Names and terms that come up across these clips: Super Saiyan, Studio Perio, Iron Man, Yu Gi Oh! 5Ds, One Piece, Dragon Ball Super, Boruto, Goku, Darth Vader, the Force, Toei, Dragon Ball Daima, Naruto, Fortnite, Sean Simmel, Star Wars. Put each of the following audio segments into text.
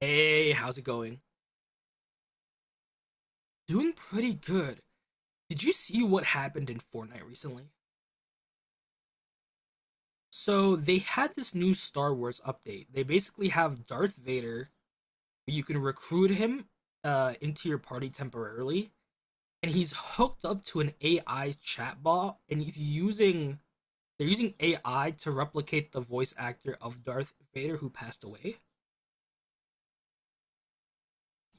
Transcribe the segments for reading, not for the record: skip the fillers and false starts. Hey, how's it going? Doing pretty good. Did you see what happened in Fortnite recently? So, they had this new Star Wars update. They basically have Darth Vader. You can recruit him into your party temporarily, and he's hooked up to an AI chatbot, and he's using they're using AI to replicate the voice actor of Darth Vader who passed away.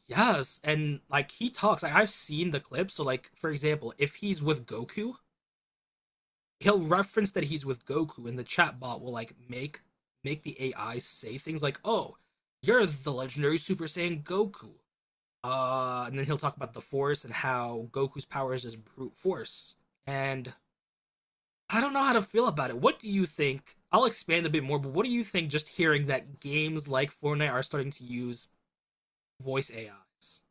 Yes, and like he talks, like I've seen the clip. So like for example, if he's with Goku, he'll reference that he's with Goku, and the chat bot will like make the AI say things like, "Oh, you're the legendary Super Saiyan Goku," and then he'll talk about the Force and how Goku's power is just brute force. And I don't know how to feel about it. What do you think? I'll expand a bit more, but what do you think? Just hearing that games like Fortnite are starting to use voice AIs.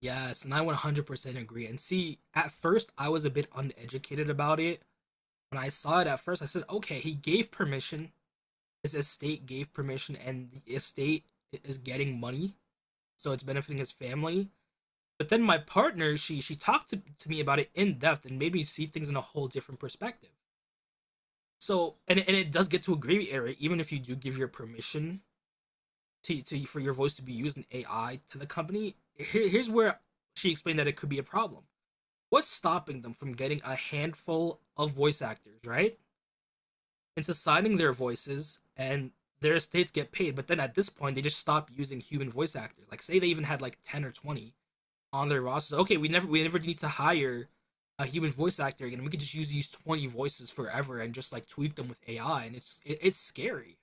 Yes, and I 100% agree. And see, at first I was a bit uneducated about it. When I saw it at first, I said, okay, he gave permission. His estate gave permission, and the estate is getting money, so it's benefiting his family. But then my partner, she talked to me about it in depth and made me see things in a whole different perspective. So, and it does get to a gray area, even if you do give your permission to for your voice to be used in AI to the company. Here's where she explained that it could be a problem. What's stopping them from getting a handful of voice actors, right, into signing their voices and their estates get paid? But then at this point, they just stop using human voice actors. Like, say they even had like 10 or 20 on their rosters. Okay, we never need to hire a human voice actor again. We could just use these 20 voices forever and just like tweak them with AI. And it's scary.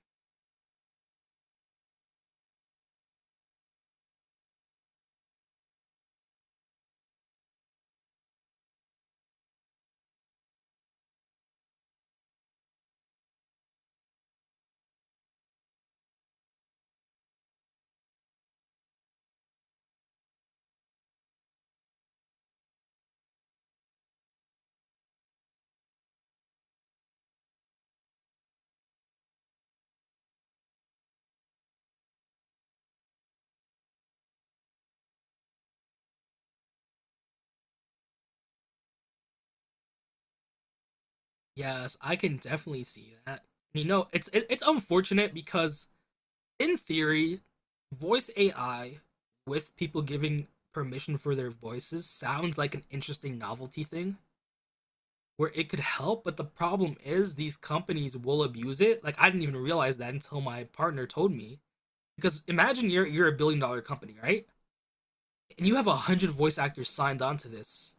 Yes, I can definitely see that. You know, it's unfortunate because in theory, voice AI with people giving permission for their voices sounds like an interesting novelty thing where it could help, but the problem is these companies will abuse it. Like I didn't even realize that until my partner told me. Because imagine you're a billion dollar company, right? And you have 100 voice actors signed on to this.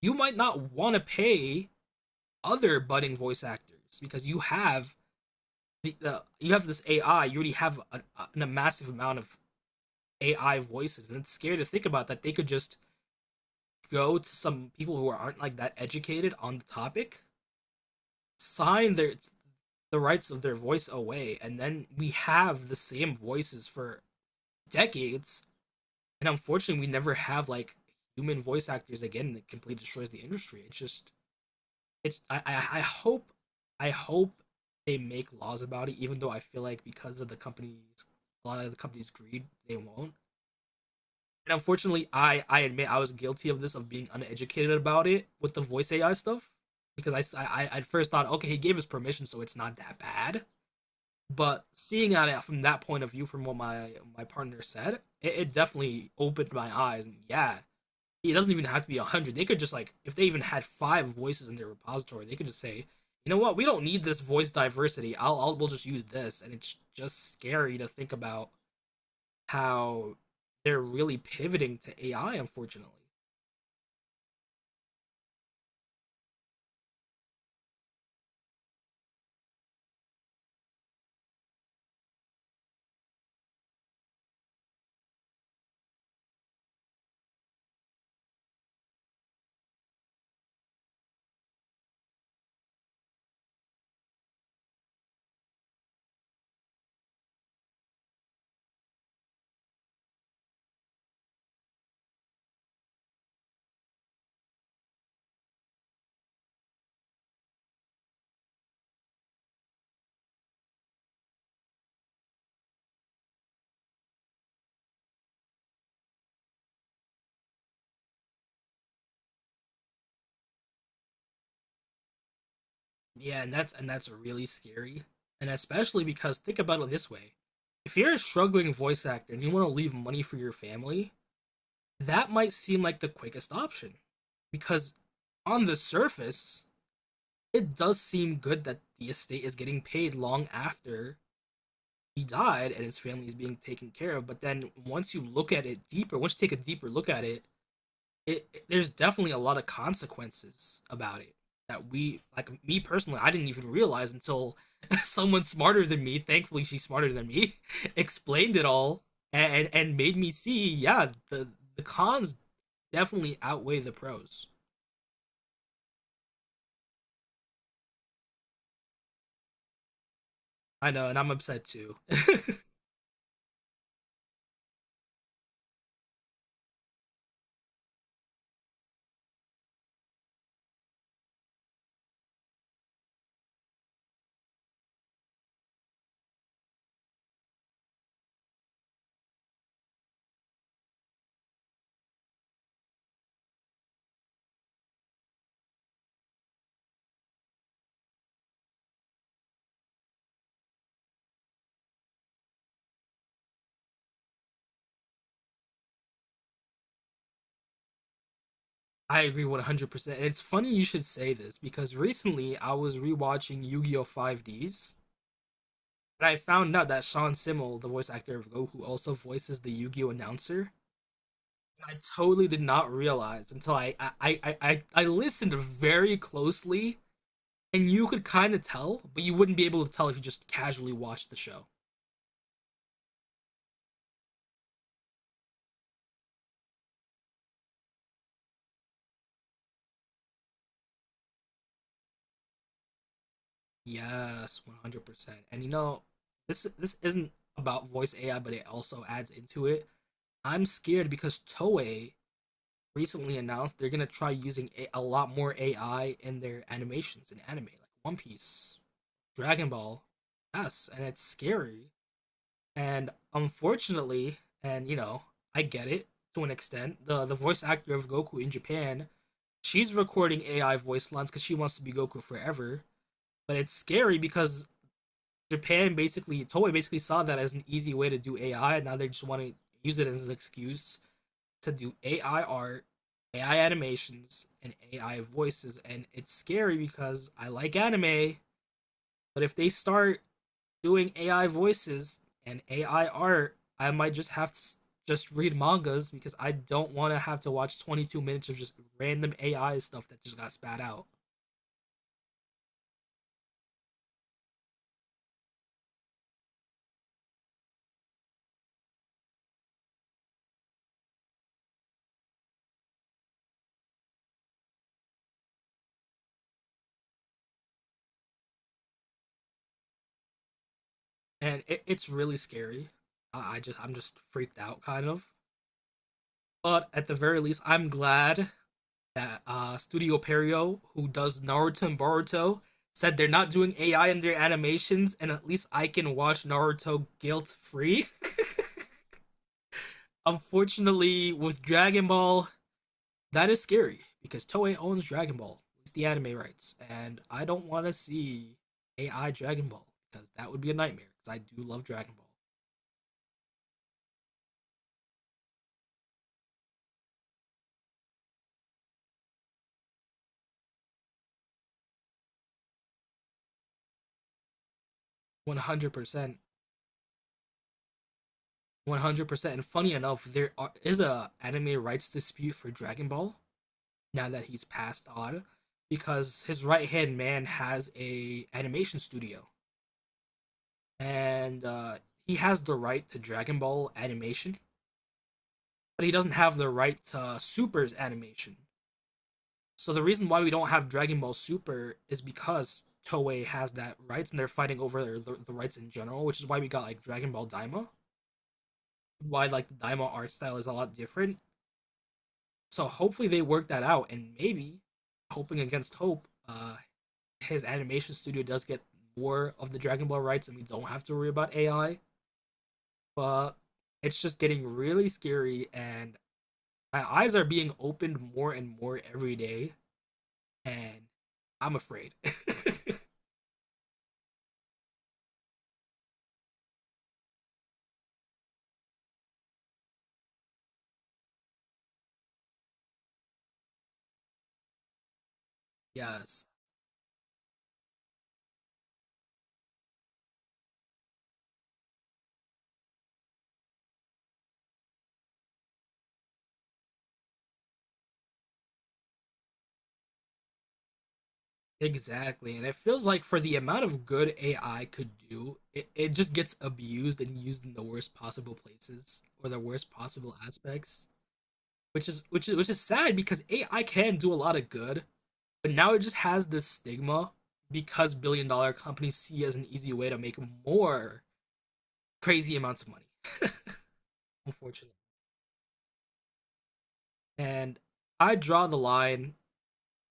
You might not want to pay other budding voice actors because you have the you have this AI. You already have a massive amount of AI voices, and it's scary to think about that they could just go to some people who aren't like that educated on the topic, sign the rights of their voice away, and then we have the same voices for decades, and unfortunately we never have like human voice actors again. It completely destroys the industry. It's just it's I hope they make laws about it, even though I feel like because of the companies, a lot of the companies greed, they won't. And unfortunately I, admit I was guilty of this, of being uneducated about it with the voice AI stuff, because I at first thought, okay, he gave us permission, so it's not that bad. But seeing at it from that point of view, from what my partner said, it definitely opened my eyes. And yeah, it doesn't even have to be 100. They could just like if they even had five voices in their repository, they could just say, you know what, we don't need this voice diversity. I'll we'll just use this. And it's just scary to think about how they're really pivoting to AI, unfortunately. Yeah, and that's really scary. And especially because think about it this way. If you're a struggling voice actor and you want to leave money for your family, that might seem like the quickest option, because on the surface it does seem good that the estate is getting paid long after he died and his family is being taken care of. But then once you look at it deeper, once you take a deeper look at it, there's definitely a lot of consequences about it that we like me personally I didn't even realize until someone smarter than me, thankfully she's smarter than me, explained it all and made me see, yeah, the cons definitely outweigh the pros. I know, and I'm upset too. I agree 100%. And it's funny you should say this because recently I was rewatching Yu Gi Oh! 5Ds and I found out that Sean Simmel, the voice actor of Goku, also voices the Yu Gi Oh! announcer. I totally did not realize until I listened very closely, and you could kind of tell, but you wouldn't be able to tell if you just casually watched the show. Yes, 100%. And you know, this isn't about voice AI, but it also adds into it. I'm scared because Toei recently announced they're gonna try using a lot more AI in their animations in anime, like One Piece, Dragon Ball. Yes, and it's scary. And unfortunately, and you know, I get it to an extent. The voice actor of Goku in Japan, she's recording AI voice lines because she wants to be Goku forever. But it's scary because Japan basically Toei basically saw that as an easy way to do AI, and now they just want to use it as an excuse to do AI art, AI animations, and AI voices. And it's scary because I like anime, but if they start doing AI voices and AI art, I might just have to just read mangas because I don't want to have to watch 22 minutes of just random AI stuff that just got spat out. And it's really scary. I'm just freaked out kind of. But at the very least, I'm glad that Studio Perio, who does Naruto and Boruto, said they're not doing AI in their animations, and at least I can watch Naruto guilt free. Unfortunately, with Dragon Ball, that is scary because Toei owns Dragon Ball, at least the anime rights, and I don't want to see AI Dragon Ball because that would be a nightmare. Because I do love Dragon Ball, 100%, 100%. And funny enough, is a anime rights dispute for Dragon Ball now that he's passed on, because his right hand man has a animation studio and he has the right to Dragon Ball animation, but he doesn't have the right to Super's animation. So the reason why we don't have Dragon Ball Super is because Toei has that rights and they're fighting over the rights in general, which is why we got like Dragon Ball Daima, why like the Daima art style is a lot different. So hopefully they work that out, and maybe hoping against hope, his animation studio does get more of the Dragon Ball rights, and we don't have to worry about AI. But it's just getting really scary, and my eyes are being opened more and more every day, and I'm afraid. Yes, exactly. And it feels like for the amount of good AI could do, it just gets abused and used in the worst possible places or the worst possible aspects. Which is sad because AI can do a lot of good, but now it just has this stigma because billion dollar companies see it as an easy way to make more crazy amounts of money, unfortunately. And I draw the line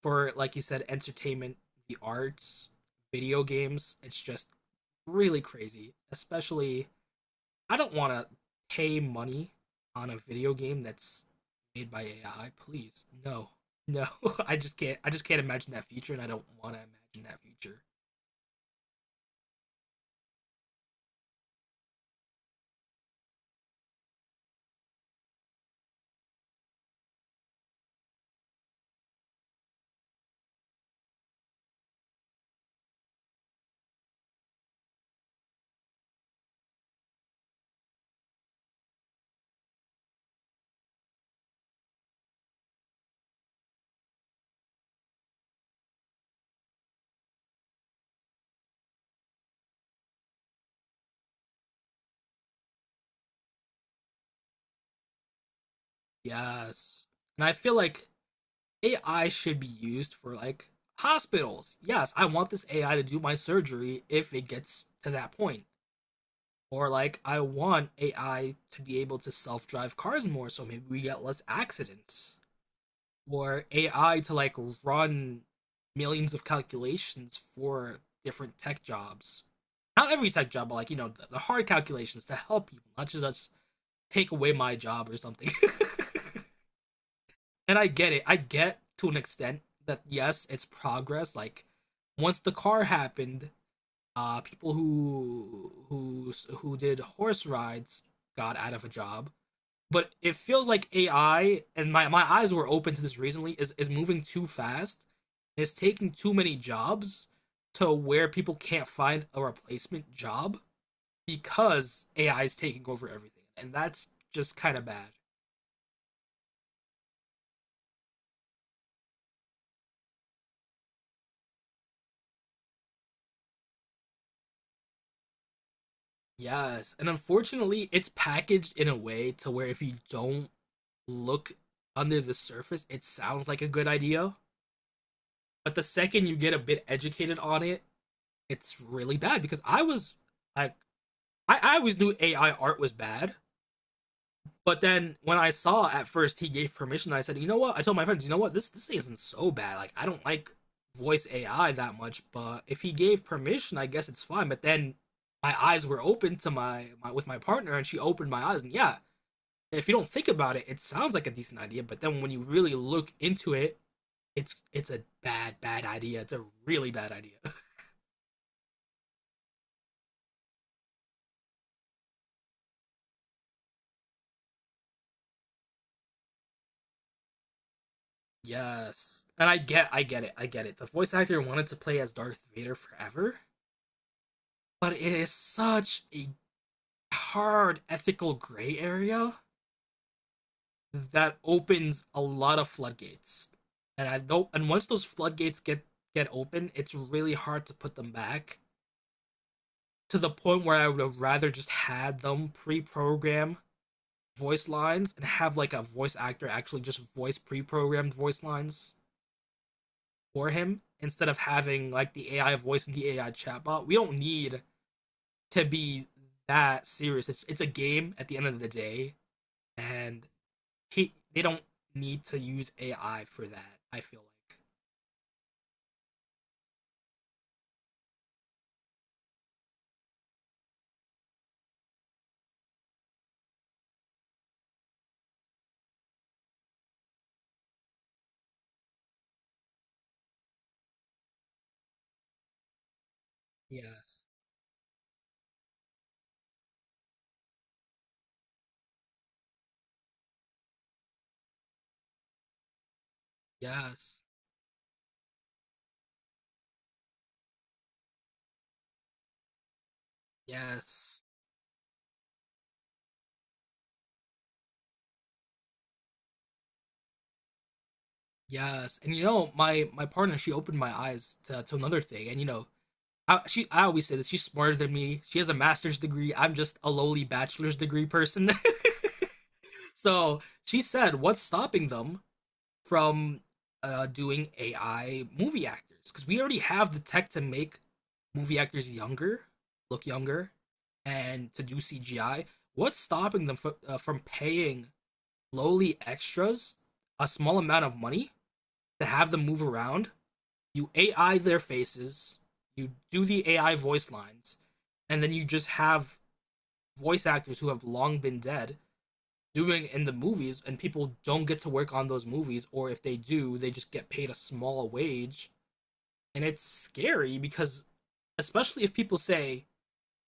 for like you said, entertainment, the arts, video games. It's just really crazy, especially I don't want to pay money on a video game that's made by AI. Please, no, no. I just can't. I just can't imagine that future, and I don't want to imagine that future. Yes, and I feel like AI should be used for like hospitals. Yes, I want this AI to do my surgery if it gets to that point. Or like I want AI to be able to self-drive cars more so maybe we get less accidents. Or AI to like run millions of calculations for different tech jobs. Not every tech job, but like, you know, the hard calculations to help people, not just us take away my job or something. And I get it. I get to an extent that yes, it's progress. Like once the car happened, people who did horse rides got out of a job, but it feels like AI, and my eyes were open to this recently, is moving too fast. It's taking too many jobs to where people can't find a replacement job because AI is taking over everything, and that's just kind of bad. Yes, and unfortunately, it's packaged in a way to where if you don't look under the surface, it sounds like a good idea, but the second you get a bit educated on it, it's really bad. Because I was like, I always knew AI art was bad, but then when I saw at first he gave permission, I said, you know what? I told my friends, you know what? This thing isn't so bad. Like I don't like voice AI that much, but if he gave permission, I guess it's fine. But then my eyes were open to my, my with my partner, and she opened my eyes, and yeah, if you don't think about it, it sounds like a decent idea. But then when you really look into it, it's a bad idea. It's a really bad idea. Yes, and I get it. The voice actor wanted to play as Darth Vader forever, but it is such a hard ethical gray area that opens a lot of floodgates. And I don't, and once those floodgates get open, it's really hard to put them back, to the point where I would have rather just had them pre-program voice lines and have like a voice actor actually just voice pre-programmed voice lines for him, instead of having like the AI voice and the AI chatbot. We don't need to be that serious. It's a game at the end of the day. And he, they don't need to use AI for that, I feel like. Yes, yes, yes, yes. And you know, my partner, she opened my eyes to, another thing. And you know, she I always say this. She's smarter than me. She has a master's degree. I'm just a lowly bachelor's degree person. So she said, "What's stopping them from doing AI movie actors, because we already have the tech to make movie actors younger, look younger, and to do CGI. What's stopping them from paying lowly extras a small amount of money to have them move around? You AI their faces, you do the AI voice lines, and then you just have voice actors who have long been dead doing in the movies, and people don't get to work on those movies, or if they do, they just get paid a small wage. And it's scary because, especially if people say,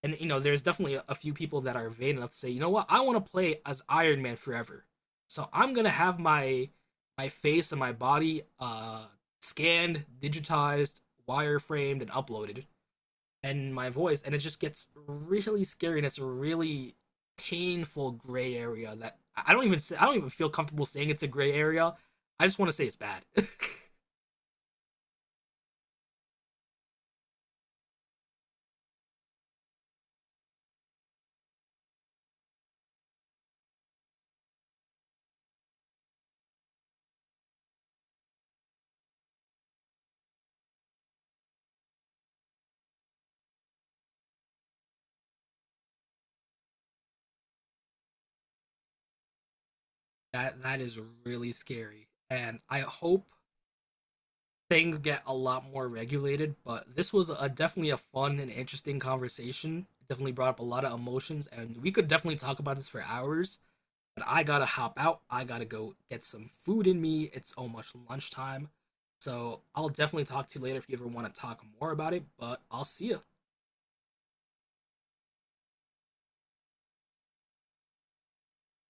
and you know, there's definitely few people that are vain enough to say, you know what, I want to play as Iron Man forever, so I'm gonna have my face and my body scanned, digitized, wireframed, and uploaded, and my voice. And it just gets really scary, and it's a really painful gray area that I don't even say, I don't even feel comfortable saying it's a gray area. I just want to say it's bad. That is really scary, and I hope things get a lot more regulated. But this was a definitely a fun and interesting conversation. Definitely brought up a lot of emotions, and we could definitely talk about this for hours. But I gotta hop out. I gotta go get some food in me. It's almost lunchtime. So I'll definitely talk to you later if you ever want to talk more about it. But I'll see ya.